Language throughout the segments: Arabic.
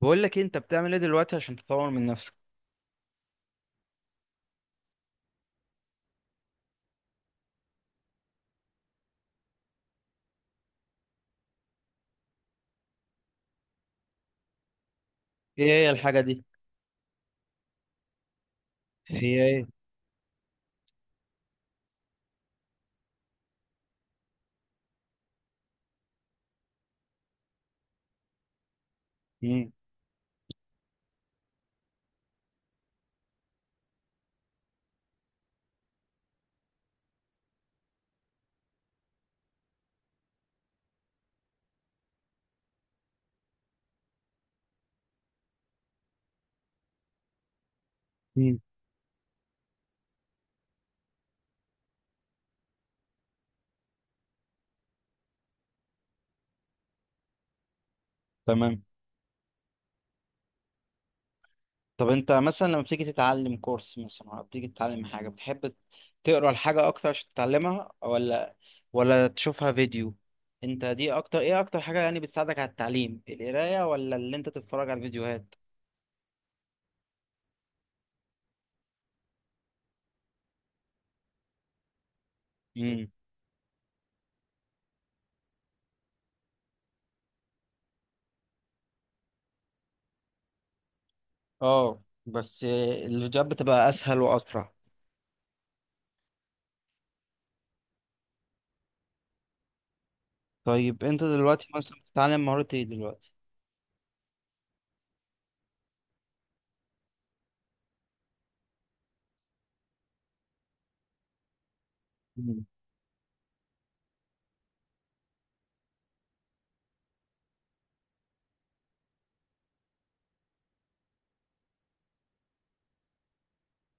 بقول لك إيه، انت بتعمل ايه دلوقتي عشان تطور من نفسك؟ ايه هي الحاجة دي؟ هي ايه؟ مم. مم. تمام. طب انت مثلا لما بتيجي تتعلم كورس مثلا او بتيجي تتعلم حاجه بتحب، تقرا الحاجه اكتر عشان تتعلمها ولا تشوفها فيديو؟ انت دي اكتر ايه، اكتر حاجه يعني بتساعدك على التعليم، القرايه ولا اللي انت تتفرج على الفيديوهات؟ امم. اه، بس الفيديوهات بتبقى اسهل واسرع. طيب انت دلوقتي مثلا بتتعلم مهارة ايه دلوقتي؟ مم.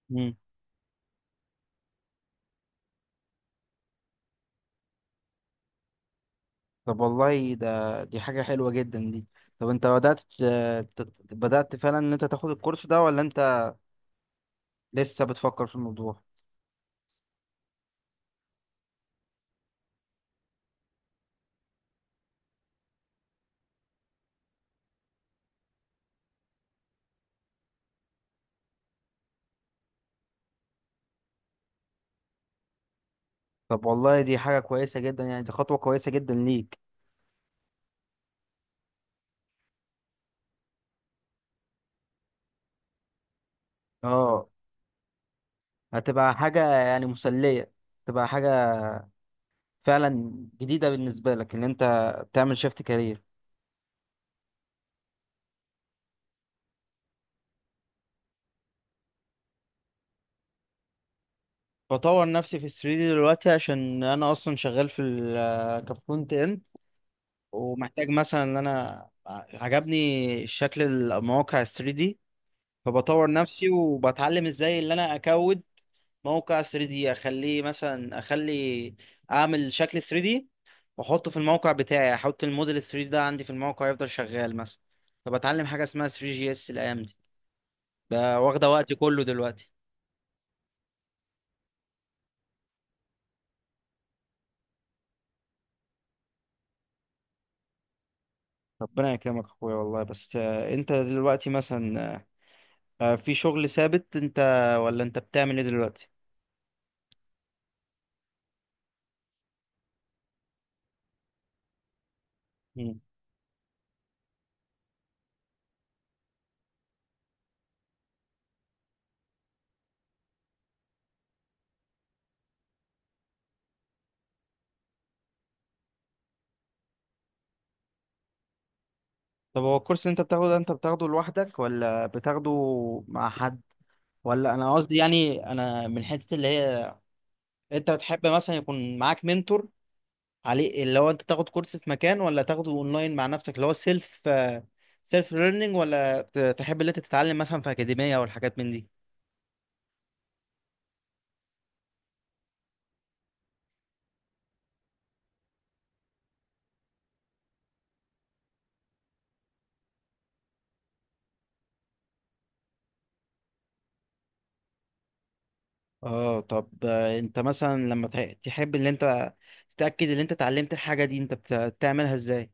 مم. طب والله، ده دي حاجة حلوة جدا دي. طب انت بدأت بدأت فعلا ان انت تاخد الكورس ده، ولا انت لسه بتفكر في الموضوع؟ طب والله دي حاجة كويسة جدا، يعني دي خطوة كويسة جدا ليك. اه، هتبقى حاجة يعني مسلية، تبقى حاجة فعلا جديدة بالنسبة لك ان انت تعمل شيفت كارير. بطور نفسي في 3D دلوقتي عشان انا اصلا شغال في كفرونت اند. ومحتاج مثلا ان انا عجبني شكل المواقع ال 3D، فبطور نفسي وبتعلم ازاي اللي انا اكود موقع 3D اخليه مثلا، اخلي اعمل شكل 3D واحطه في الموقع بتاعي، احط الموديل 3D ده عندي في الموقع يفضل شغال مثلا. فبتعلم حاجة اسمها 3 جي اس الايام دي، بقى واخدة وقتي كله دلوقتي. ربنا يكرمك اخويا والله. بس انت دلوقتي مثلا، في شغل ثابت انت، ولا انت بتعمل ايه دلوقتي؟ مم. طب هو الكورس اللي انت بتاخده ده، انت بتاخده لوحدك ولا بتاخده مع حد؟ ولا انا قصدي يعني، انا من حته اللي هي، انت بتحب مثلا يكون معاك منتور عليه؟ اللي هو انت تاخد كورس في مكان، ولا تاخده اونلاين مع نفسك اللي هو سيلف ليرنينج، ولا تحب اللي انت تتعلم مثلا في اكاديميه او الحاجات من دي؟ اه. طب انت مثلا لما تحب ان انت تتاكد ان انت اتعلمت الحاجه دي، انت بتعملها ازاي؟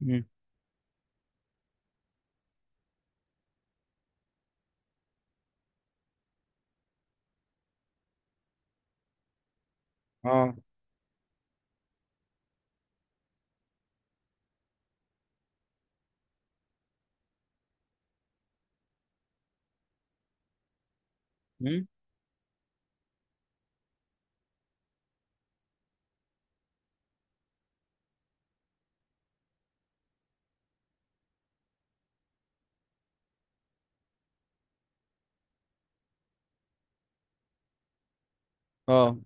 مم. اه. مم؟ اه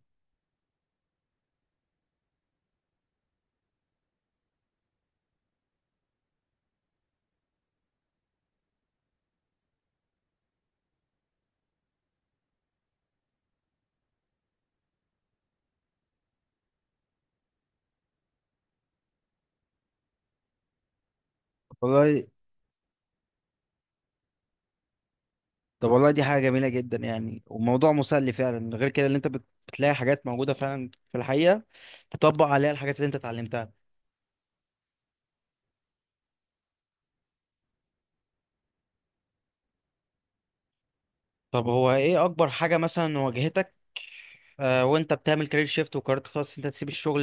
والله. طب والله دي حاجة جميلة جدا يعني، وموضوع مسلي فعلا، غير كده اللي انت بتلاقي حاجات موجودة فعلا في الحقيقة تطبق عليها الحاجات اللي انت اتعلمتها. طب هو ايه اكبر حاجة مثلا واجهتك وانت بتعمل كارير شيفت، وقررت خلاص انت تسيب الشغل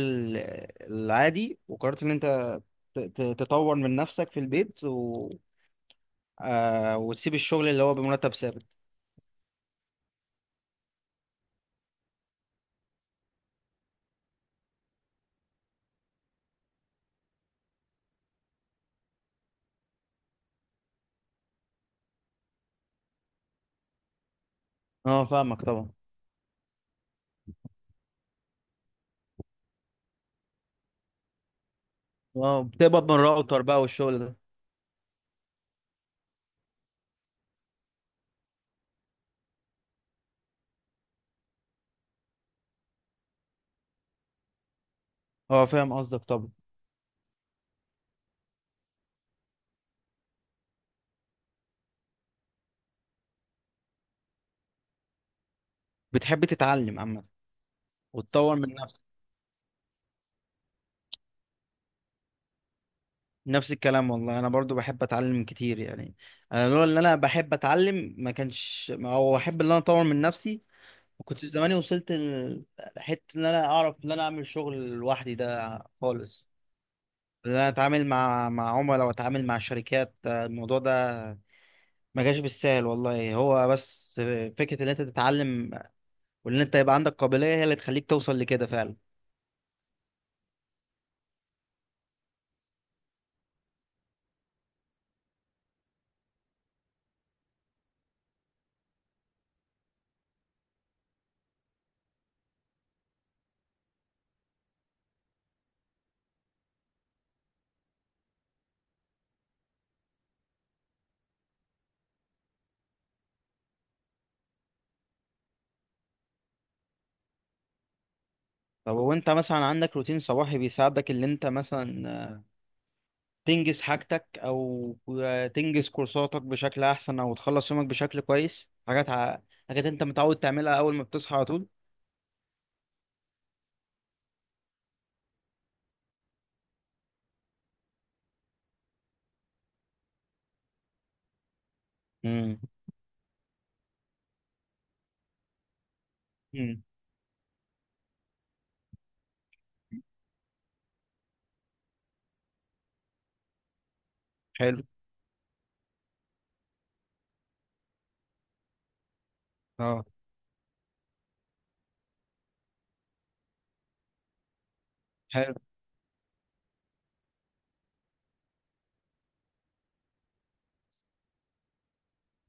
العادي، وقررت ان انت تطور من نفسك في البيت و... آه وتسيب الشغل اللي هو بمرتب ثابت؟ اه، فاهمك طبعا. اه، بتقبض من الراوتر بقى والشغل ده. اه، فاهم قصدك طبعا. بتحب تتعلم عامة وتطور من نفسك؟ نفس الكلام والله، انا برضو بحب اتعلم كتير يعني. انا لولا ان انا بحب اتعلم ما كانش، او احب ان انا اطور من نفسي، ما كنتش زماني وصلت لحته ان انا اعرف ان انا اعمل شغل لوحدي ده خالص. ان انا اتعامل مع عملاء واتعامل مع شركات. الموضوع ده ما جاش بالسهل والله. هو بس فكره ان انت تتعلم، وان انت يبقى عندك قابليه هي اللي تخليك توصل لكده فعلا. طب وانت مثلا عندك روتين صباحي بيساعدك ان انت مثلا تنجز حاجتك، او تنجز كورساتك بشكل احسن، او تخلص يومك بشكل كويس؟ حاجات انت متعود تعملها اول ما بتصحى على طول. امم. مم. حلو. اه. حلو.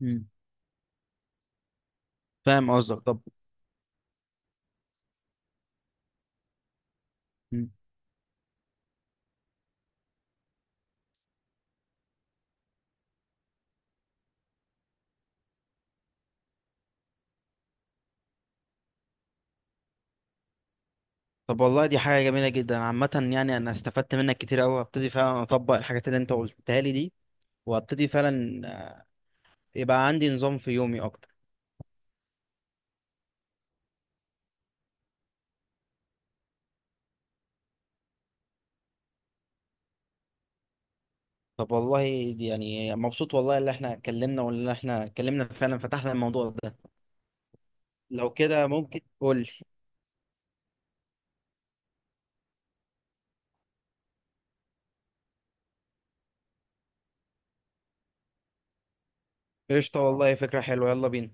مم. فاهم قصدك. طب. مم. طب والله دي حاجة جميلة جدا عامة، يعني أنا استفدت منك كتير أوي، هبتدي فعلا أطبق الحاجات اللي أنت قلتها لي دي، وهبتدي فعلا يبقى عندي نظام في يومي أكتر. طب والله دي يعني، مبسوط والله اللي احنا اتكلمنا، فعلا فتحنا الموضوع ده. لو كده ممكن قول لي. قشطة والله، فكرة حلوة، يلا بينا.